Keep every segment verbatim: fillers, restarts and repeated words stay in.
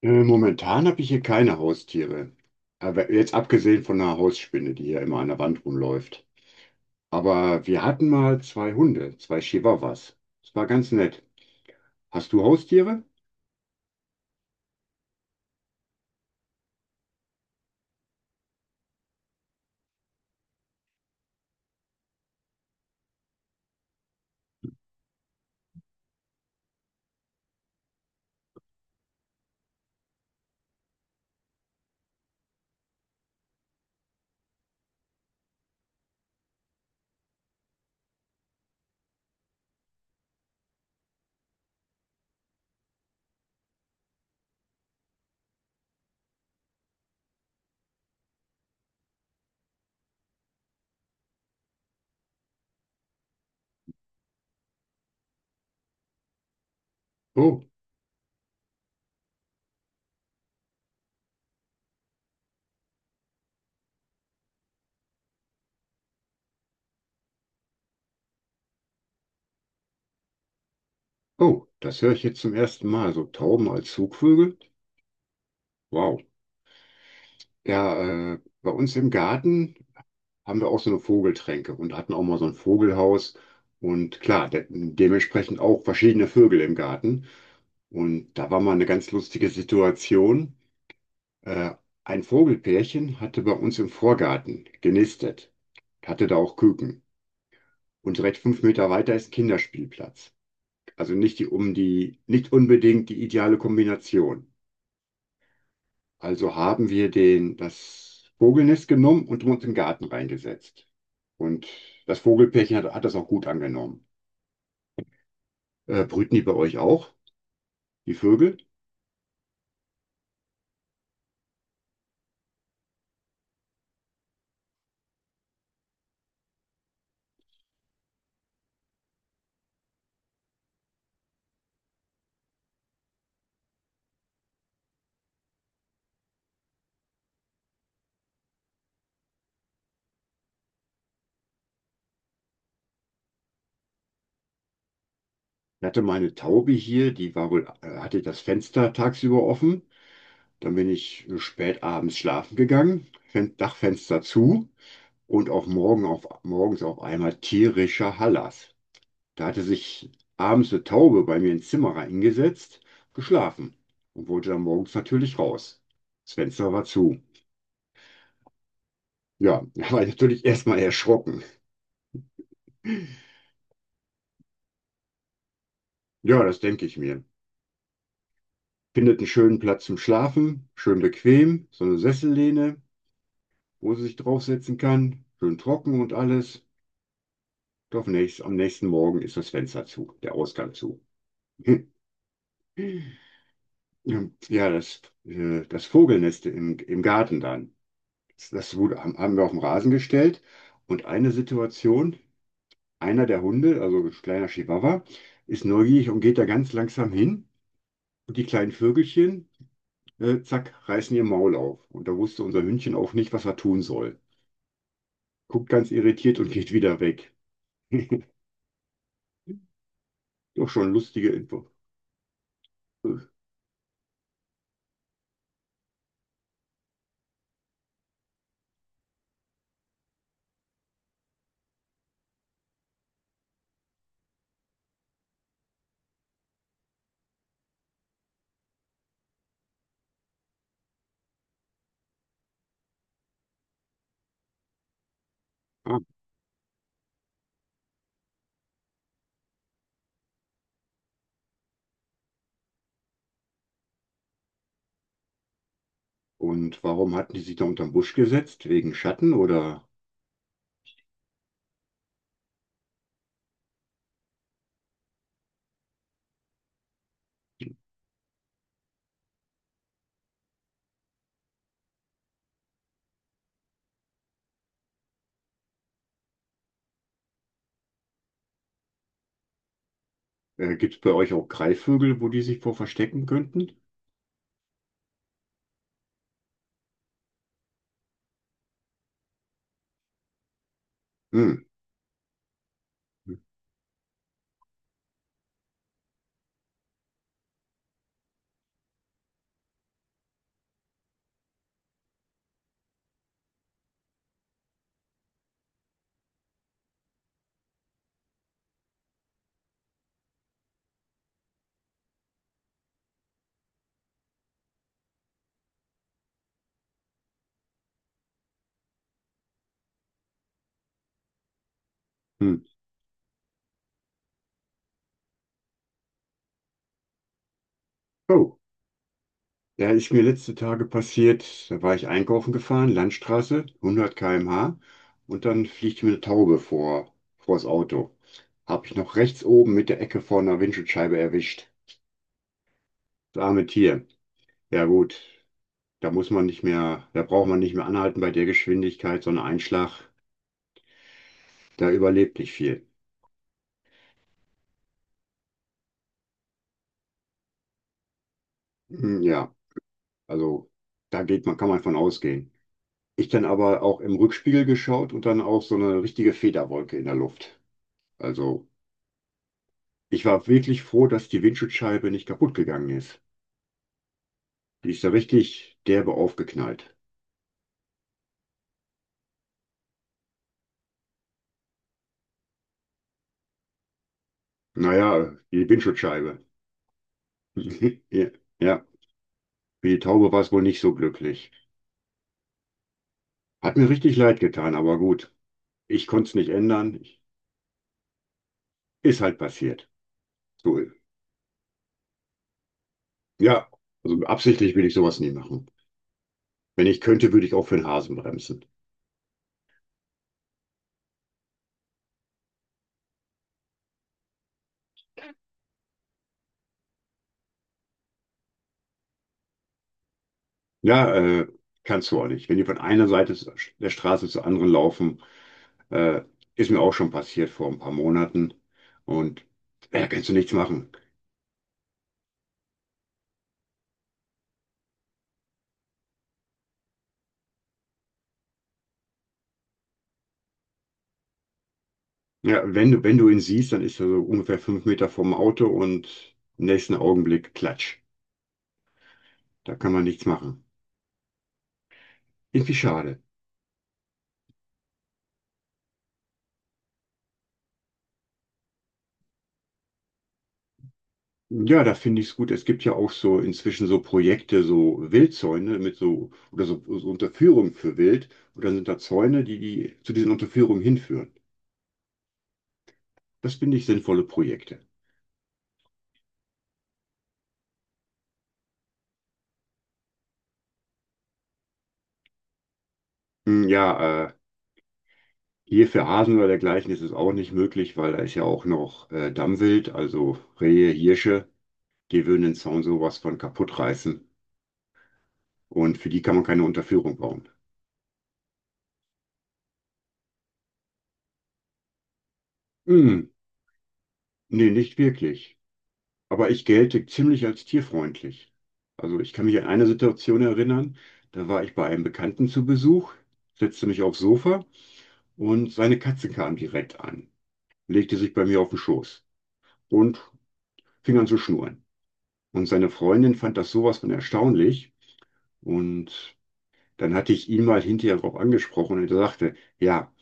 Äh, Momentan habe ich hier keine Haustiere. Aber jetzt abgesehen von einer Hausspinne, die hier immer an der Wand rumläuft. Aber wir hatten mal zwei Hunde, zwei Chihuahuas. Das war ganz nett. Hast du Haustiere? Oh, oh, das höre ich jetzt zum ersten Mal. So Tauben als Zugvögel? Wow. Ja, äh, bei uns im Garten haben wir auch so eine Vogeltränke und hatten auch mal so ein Vogelhaus. Und klar, de dementsprechend auch verschiedene Vögel im Garten. Und da war mal eine ganz lustige Situation. Äh, ein Vogelpärchen hatte bei uns im Vorgarten genistet, hatte da auch Küken. Und direkt fünf Meter weiter ist ein Kinderspielplatz. Also nicht die, um die, nicht unbedingt die ideale Kombination. Also haben wir den, das Vogelnest genommen und uns im Garten reingesetzt. Und das Vogelpärchen hat, hat das auch gut angenommen. Äh, brüten die bei euch auch, die Vögel? Ich hatte meine Taube hier, die war wohl, äh, hatte das Fenster tagsüber offen. Dann bin ich spät abends schlafen gegangen, Fen Dachfenster zu und auch morgen auf, morgens auf einmal tierischer Hallas. Da hatte sich abends eine Taube bei mir ins Zimmer reingesetzt, geschlafen und wollte dann morgens natürlich raus. Das Fenster war zu. Ja, da war ich natürlich erstmal erschrocken. Ja, das denke ich mir. Findet einen schönen Platz zum Schlafen, schön bequem, so eine Sessellehne, wo sie sich draufsetzen kann, schön trocken und alles. Doch nicht. Am nächsten Morgen ist das Fenster zu, der Ausgang zu. Ja, das, äh, das Vogelnest im, im Garten dann. Das, das wurde, haben haben wir auf den Rasen gestellt. Und eine Situation, einer der Hunde, also ein kleiner Chihuahua, ist neugierig und geht da ganz langsam hin. Und die kleinen Vögelchen, äh, zack, reißen ihr Maul auf. Und da wusste unser Hündchen auch nicht, was er tun soll. Guckt ganz irritiert und geht wieder weg. Doch schon lustige Info. Äh, Und warum hatten die sich da unterm Busch gesetzt? Wegen Schatten, oder äh, gibt es bei euch auch Greifvögel, wo die sich vor verstecken könnten? Hm. Hm. Oh, da ist mir letzte Tage passiert, da war ich einkaufen gefahren, Landstraße, hundert Kilometer pro Stunde, und dann fliegt mir eine Taube vor, vor das Auto. Habe ich noch rechts oben mit der Ecke vor einer Windschutzscheibe erwischt. Das arme Tier. Ja gut, da muss man nicht mehr, da braucht man nicht mehr anhalten bei der Geschwindigkeit, so ein Einschlag, da überlebt nicht viel. Hm, ja. Also da geht man, kann man von ausgehen. Ich dann aber auch im Rückspiegel geschaut und dann auch so eine richtige Federwolke in der Luft. Also ich war wirklich froh, dass die Windschutzscheibe nicht kaputt gegangen ist. Die ist da richtig derbe aufgeknallt. Naja, die Windschutzscheibe. Ja, ja, für die Taube war es wohl nicht so glücklich. Hat mir richtig leid getan, aber gut. Ich konnte es nicht ändern. Ist halt passiert. So, ja, also absichtlich will ich sowas nie machen. Wenn ich könnte, würde ich auch für den Hasen bremsen. Ja, äh, kannst du auch nicht. Wenn die von einer Seite s- der Straße zur anderen laufen, äh, ist mir auch schon passiert vor ein paar Monaten. Und äh, da kannst du nichts machen. Ja, wenn du, wenn du ihn siehst, dann ist er so ungefähr fünf Meter vorm Auto und im nächsten Augenblick klatsch. Da kann man nichts machen. Irgendwie schade. Ja, da finde ich es gut. Es gibt ja auch so inzwischen so Projekte, so Wildzäune mit so oder so, so Unterführung für Wild. Und dann sind da Zäune, die, die zu diesen Unterführungen hinführen. Das finde ich sinnvolle Projekte. Hm, ja, äh, hier für Hasen oder dergleichen ist es auch nicht möglich, weil da ist ja auch noch äh, Dammwild, also Rehe, Hirsche, die würden den Zaun sowas von kaputt reißen. Und für die kann man keine Unterführung bauen. Hm, nee, nicht wirklich. Aber ich gelte ziemlich als tierfreundlich. Also ich kann mich an eine Situation erinnern, da war ich bei einem Bekannten zu Besuch, setzte mich aufs Sofa und seine Katze kam direkt an, legte sich bei mir auf den Schoß und fing an zu schnurren. Und seine Freundin fand das sowas von erstaunlich. Und dann hatte ich ihn mal hinterher darauf angesprochen und er sagte, ja,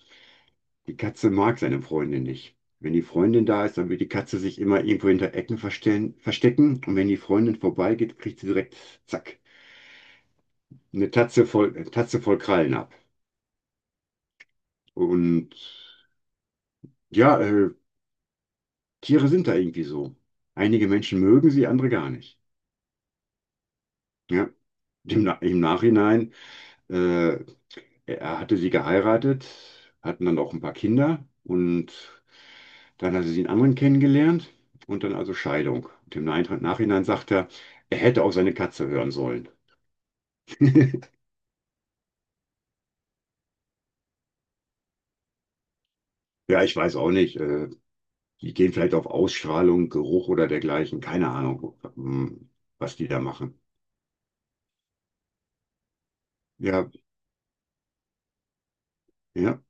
die Katze mag seine Freundin nicht. Wenn die Freundin da ist, dann will die Katze sich immer irgendwo hinter Ecken verstellen, verstecken. Und wenn die Freundin vorbeigeht, kriegt sie direkt, zack, eine Tatze voll, äh, Tatze voll Krallen ab. Und ja, äh, Tiere sind da irgendwie so. Einige Menschen mögen sie, andere gar nicht. Ja, im, Na- im Nachhinein. Äh, Er hatte sie geheiratet, hatten dann auch ein paar Kinder und dann hatte sie einen anderen kennengelernt und dann also Scheidung. Und im Nein- Nachhinein sagt er, er hätte auch seine Katze hören sollen. Ja, ich weiß auch nicht. äh, Die gehen vielleicht auf Ausstrahlung, Geruch oder dergleichen. Keine Ahnung, ähm, was die da machen. Ja, ja,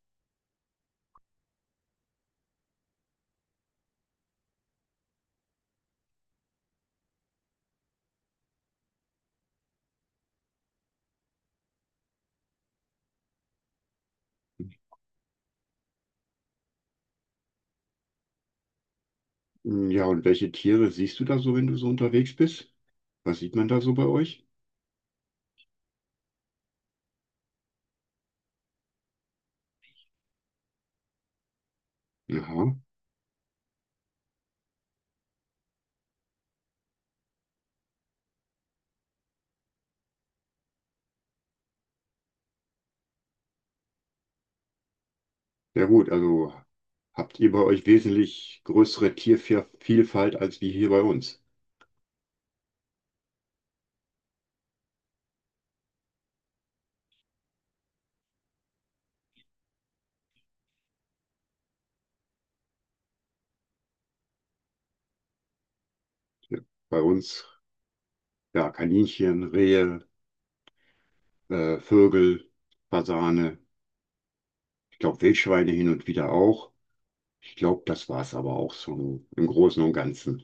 hm, ja. Und welche Tiere siehst du da so, wenn du so unterwegs bist? Was sieht man da so bei euch? Aha. Ja gut, also habt ihr bei euch wesentlich größere Tiervielfalt als wie hier bei uns. Ja, bei uns, ja, Kaninchen, Rehe, äh, Vögel, Fasane, ich glaube Wildschweine hin und wieder auch. Ich glaube, das war es aber auch so im Großen und Ganzen.